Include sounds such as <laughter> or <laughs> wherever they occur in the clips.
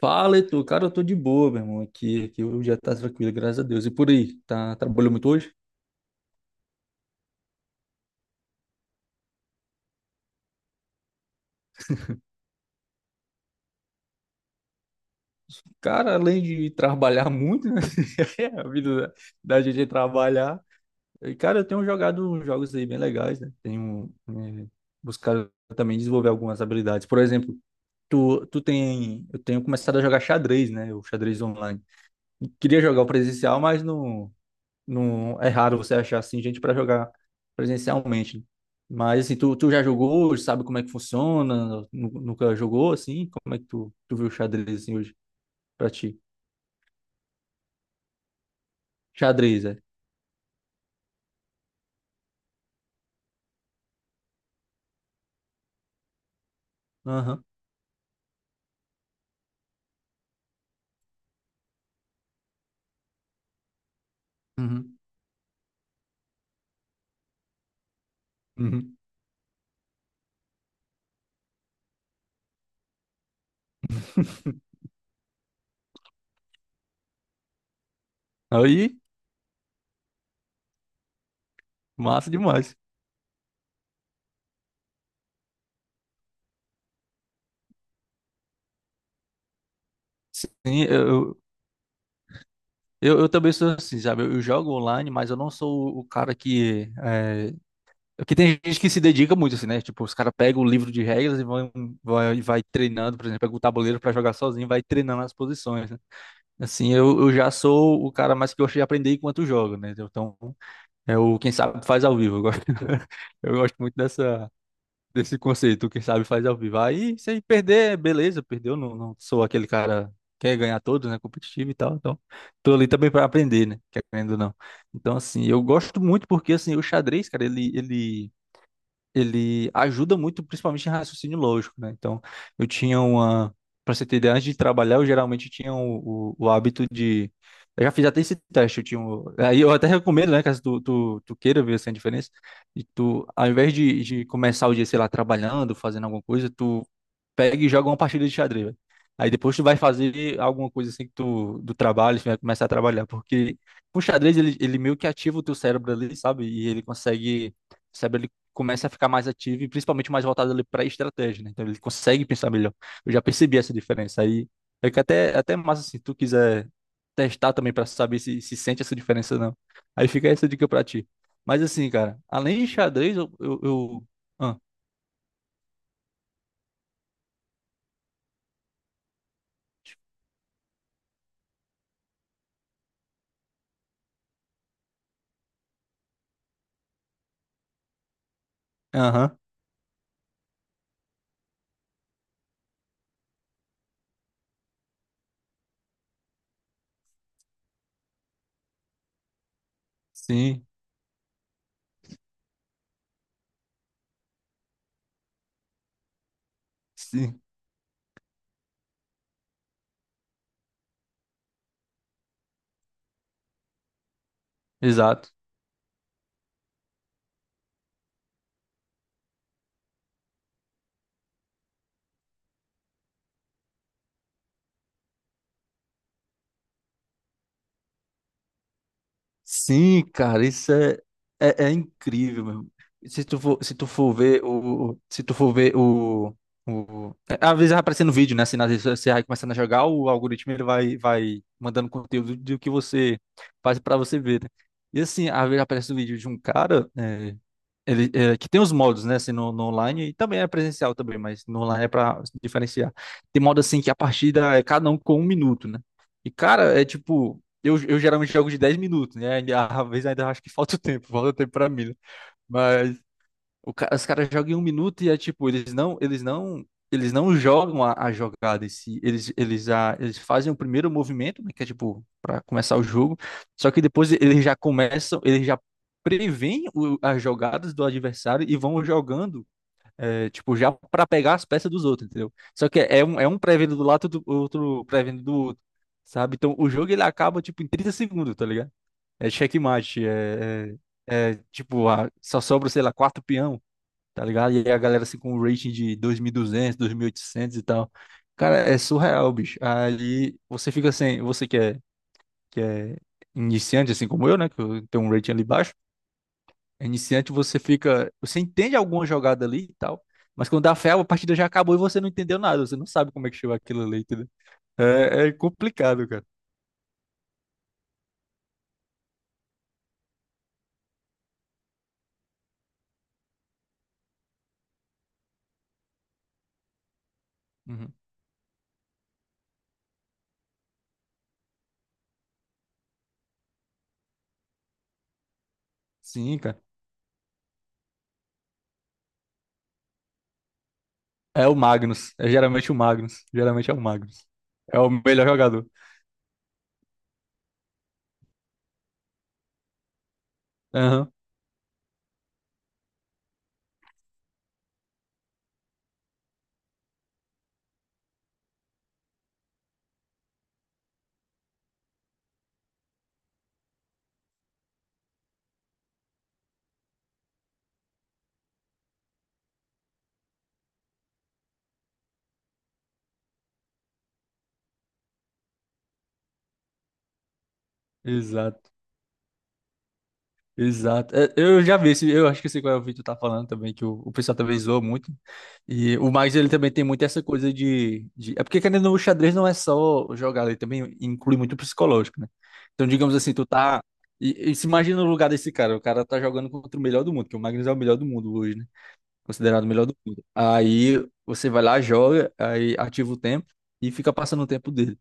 Fala, Heitor. Cara, eu tô de boa, meu irmão. Aqui o dia tá tranquilo, graças a Deus. E por aí, trabalhou muito hoje? Cara, além de trabalhar muito, né? <laughs> A vida da gente é trabalhar. E, cara, eu tenho jogado uns jogos aí bem legais, né? Tenho buscado também desenvolver algumas habilidades. Por exemplo, eu tenho começado a jogar xadrez, né? O xadrez online. Queria jogar o presencial, mas não. Não, é raro você achar assim gente para jogar presencialmente, né? Mas assim, tu já jogou hoje, sabe como é que funciona? Nunca jogou assim? Como é que tu viu o xadrez assim hoje pra ti? Xadrez, é. Aham. Uhum. Uhum. <laughs> Aí, massa demais. Sim, eu também sou assim, sabe? Eu jogo online, mas eu não sou o cara que é. Porque tem gente que se dedica muito, assim, né? Tipo, os caras pegam o livro de regras e vão, vai treinando, por exemplo, pega o tabuleiro pra jogar sozinho, e vai treinando as posições, né? Assim, eu já sou o cara mais que gosta de aprender enquanto joga, né? Então, é o quem sabe faz ao vivo. Eu gosto, <laughs> eu gosto muito dessa, desse conceito, o quem sabe faz ao vivo. Aí, se aí perder, beleza, perdeu, não, não sou aquele cara que quer ganhar todos, né? Competitivo e tal, então tô ali também pra aprender, né? Querendo ou não. Então, assim, eu gosto muito porque, assim, o xadrez, cara, ele ele ajuda muito, principalmente em raciocínio lógico, né? Então, eu tinha uma. Para você ter ideia, antes de trabalhar, eu geralmente tinha o hábito de. Eu já fiz até esse teste, eu tinha. Aí eu até recomendo, né, caso tu queira ver essa diferença. E tu, ao invés de começar o dia, sei lá, trabalhando, fazendo alguma coisa, tu pega e joga uma partida de xadrez, velho. Aí depois tu vai fazer alguma coisa assim que tu, do trabalho, tu vai começar a trabalhar, porque o xadrez ele meio que ativa o teu cérebro ali, sabe? E ele consegue, o cérebro ele começa a ficar mais ativo e principalmente mais voltado ali para estratégia, né? Então ele consegue pensar melhor. Eu já percebi essa diferença aí. É que até massa assim, se tu quiser testar também para saber se se sente essa diferença ou não. Aí fica essa dica para ti. Mas assim, cara, além de xadrez, eu... Ah, aham, sim. Sim. Exato. Sim, cara, isso é, incrível, meu. Se tu for ver o, se tu for ver o. Às vezes vai aparecendo vídeo, né? Assim, às vezes você vai começando a jogar, o algoritmo ele vai mandando conteúdo do que você faz pra você ver, né? E assim, às vezes aparece um vídeo de um cara, que tem os modos, né? Assim, no, no online e também é presencial também, mas no online é pra se diferenciar. Tem modo assim que a partida é cada um com 1 minuto, né? E, cara, é tipo. Eu geralmente jogo de 10 minutos, né? E <laughs> às vezes ainda acho que falta o tempo pra mim, né? Mas os caras jogam em 1 minuto e é tipo, eles não jogam a jogada em si. Eles fazem o primeiro movimento, né, que é tipo, para começar o jogo. Só que depois eles já começam, eles já preveem as jogadas do adversário e vão jogando, é, tipo, já para pegar as peças dos outros, entendeu? Só que é um prevendo do lado, do outro prevendo do outro, sabe? Então o jogo ele acaba, tipo, em 30 segundos, tá ligado? É checkmate, é tipo, ah, só sobra, sei lá, 4 peão, tá ligado? E aí a galera assim com um rating de 2.200, 2.800 e duzentos, 2800 e tal. Cara, é surreal, bicho. Aí você fica assim, você que é iniciante, assim como eu, né? Que eu tenho um rating ali baixo. É Iniciante, você fica. Você entende alguma jogada ali e tal. Mas quando dá fé, a partida já acabou e você não entendeu nada. Você não sabe como é que chegou aquilo ali, entendeu? É, é complicado, cara. Uhum. Sim, cara. É o Magnus. É geralmente o Magnus. Geralmente é o Magnus. É o melhor jogador. Aham. Exato. Exato. É, eu já vi esse, eu acho que esse qual é o vídeo tá falando também, que o pessoal também zoa muito. E o Magnus, ele também tem muito essa coisa é porque, querendo ou não, o xadrez não é só jogar, ele também inclui muito o psicológico, né? Então, digamos assim, tu tá... E se imagina no lugar desse cara, o cara tá jogando contra o melhor do mundo, que o Magnus é o melhor do mundo hoje, né? Considerado o melhor do mundo. Aí, você vai lá, joga, aí ativa o tempo e fica passando o tempo dele.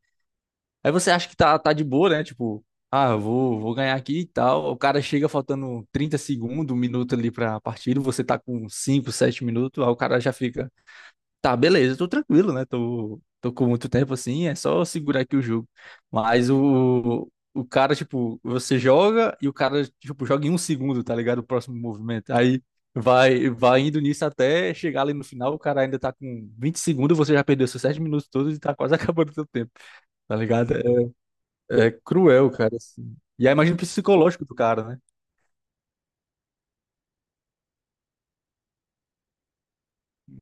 Aí você acha que tá de boa, né? Tipo, ah, eu vou ganhar aqui e tal. O cara chega faltando 30 segundos, 1 minuto ali pra partida, você tá com 5, 7 minutos, aí o cara já fica, tá, beleza, tô tranquilo, né? Tô com muito tempo assim, é só segurar aqui o jogo. Mas o cara, tipo, você joga e o cara, tipo, joga em 1 segundo, tá ligado? O próximo movimento. Aí. Vai, vai indo nisso até chegar ali no final, o cara ainda tá com 20 segundos, você já perdeu seus 7 minutos todos e tá quase <laughs> acabando o seu tempo, tá ligado? É cruel, cara, assim. E aí imagina o psicológico do cara, né?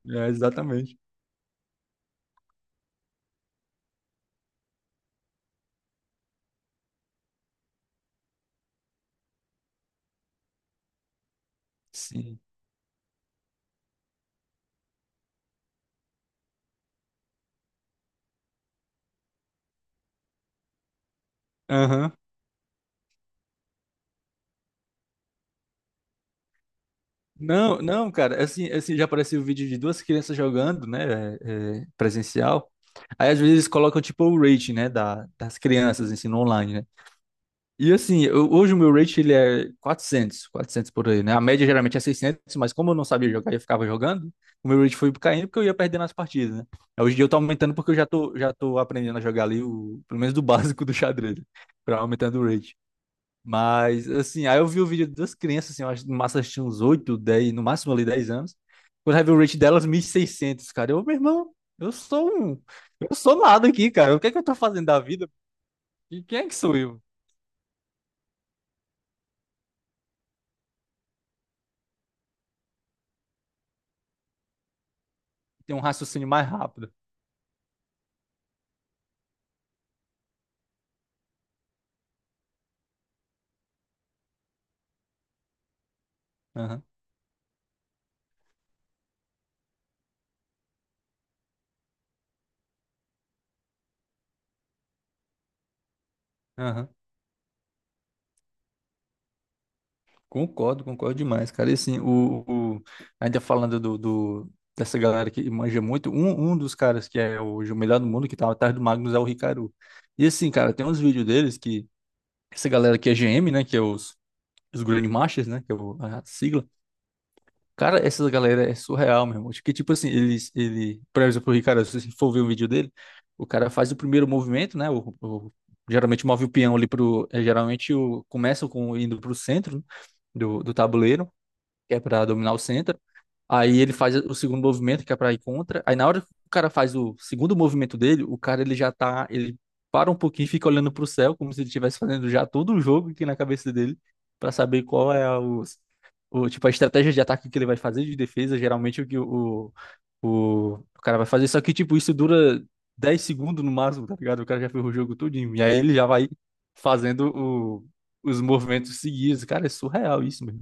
É, exatamente. Sim. Aham. Não, não, cara, assim, já apareceu o vídeo de duas crianças jogando, né, presencial. Aí às vezes colocam tipo o rating, né, das crianças, ensino online, né? E assim, eu- hoje o meu rate ele é quatrocentos por aí, né? A média geralmente é 600, mas como eu não sabia jogar e eu ficava jogando, o meu rate foi caindo porque eu ia perdendo as partidas, né? Aí hoje em dia eu tô aumentando porque eu já tô aprendendo a jogar ali, o, pelo menos do <laughs> básico do xadrez, pra aumentando o rate. Mas assim, aí eu vi o vídeo das crianças, assim, eu acho que no máximo elas tinham uns oito, dez, no máximo ali 10 anos. Quando eu vi o rate delas, 1600, cara. Eu, meu irmão, eu sou um, eu sou nada aqui, cara. O que é que eu tô fazendo da vida? E quem é que sou eu? Tem um raciocínio mais rápido. Aham, aham. Concordo, concordo demais, cara. E assim, o- ainda falando dessa galera que manja muito, um dos caras que é hoje o melhor do mundo, que tá atrás do Magnus, é o Ricardo. E assim, cara, tem uns vídeos deles que essa galera que é GM, né, que é os Grandmasters, né, que é a sigla. Cara, essa galera é surreal, meu irmão. Que tipo assim, ele, por exemplo, o Ricardo, se você for ver um vídeo dele, o cara faz o primeiro movimento, né? Geralmente move o peão ali pro, geralmente começa com indo pro centro, né, do tabuleiro, que é para dominar o centro. Aí ele faz o segundo movimento, que é pra ir contra. Aí na hora que o cara faz o segundo movimento dele, o cara ele já tá. Ele para um pouquinho e fica olhando pro céu, como se ele estivesse fazendo já todo o jogo aqui na cabeça dele, pra saber qual é tipo, a estratégia de ataque que ele vai fazer, de defesa, geralmente o que o cara vai fazer. Só que, tipo, isso dura 10 segundos no máximo, tá ligado? O cara já fez o jogo todinho. E aí ele já vai fazendo o, os movimentos seguidos. Cara, é surreal isso, mano.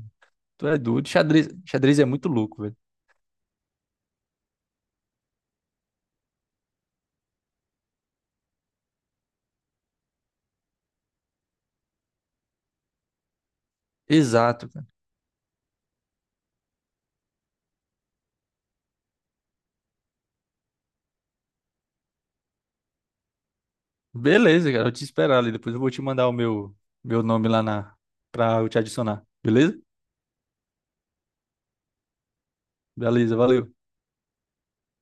Tu é doido. Xadrez, xadrez é muito louco, velho. Exato, cara. Beleza, cara. Eu te esperar ali. Depois eu vou te mandar o meu, nome lá na, pra eu te adicionar. Beleza? Beleza, valeu.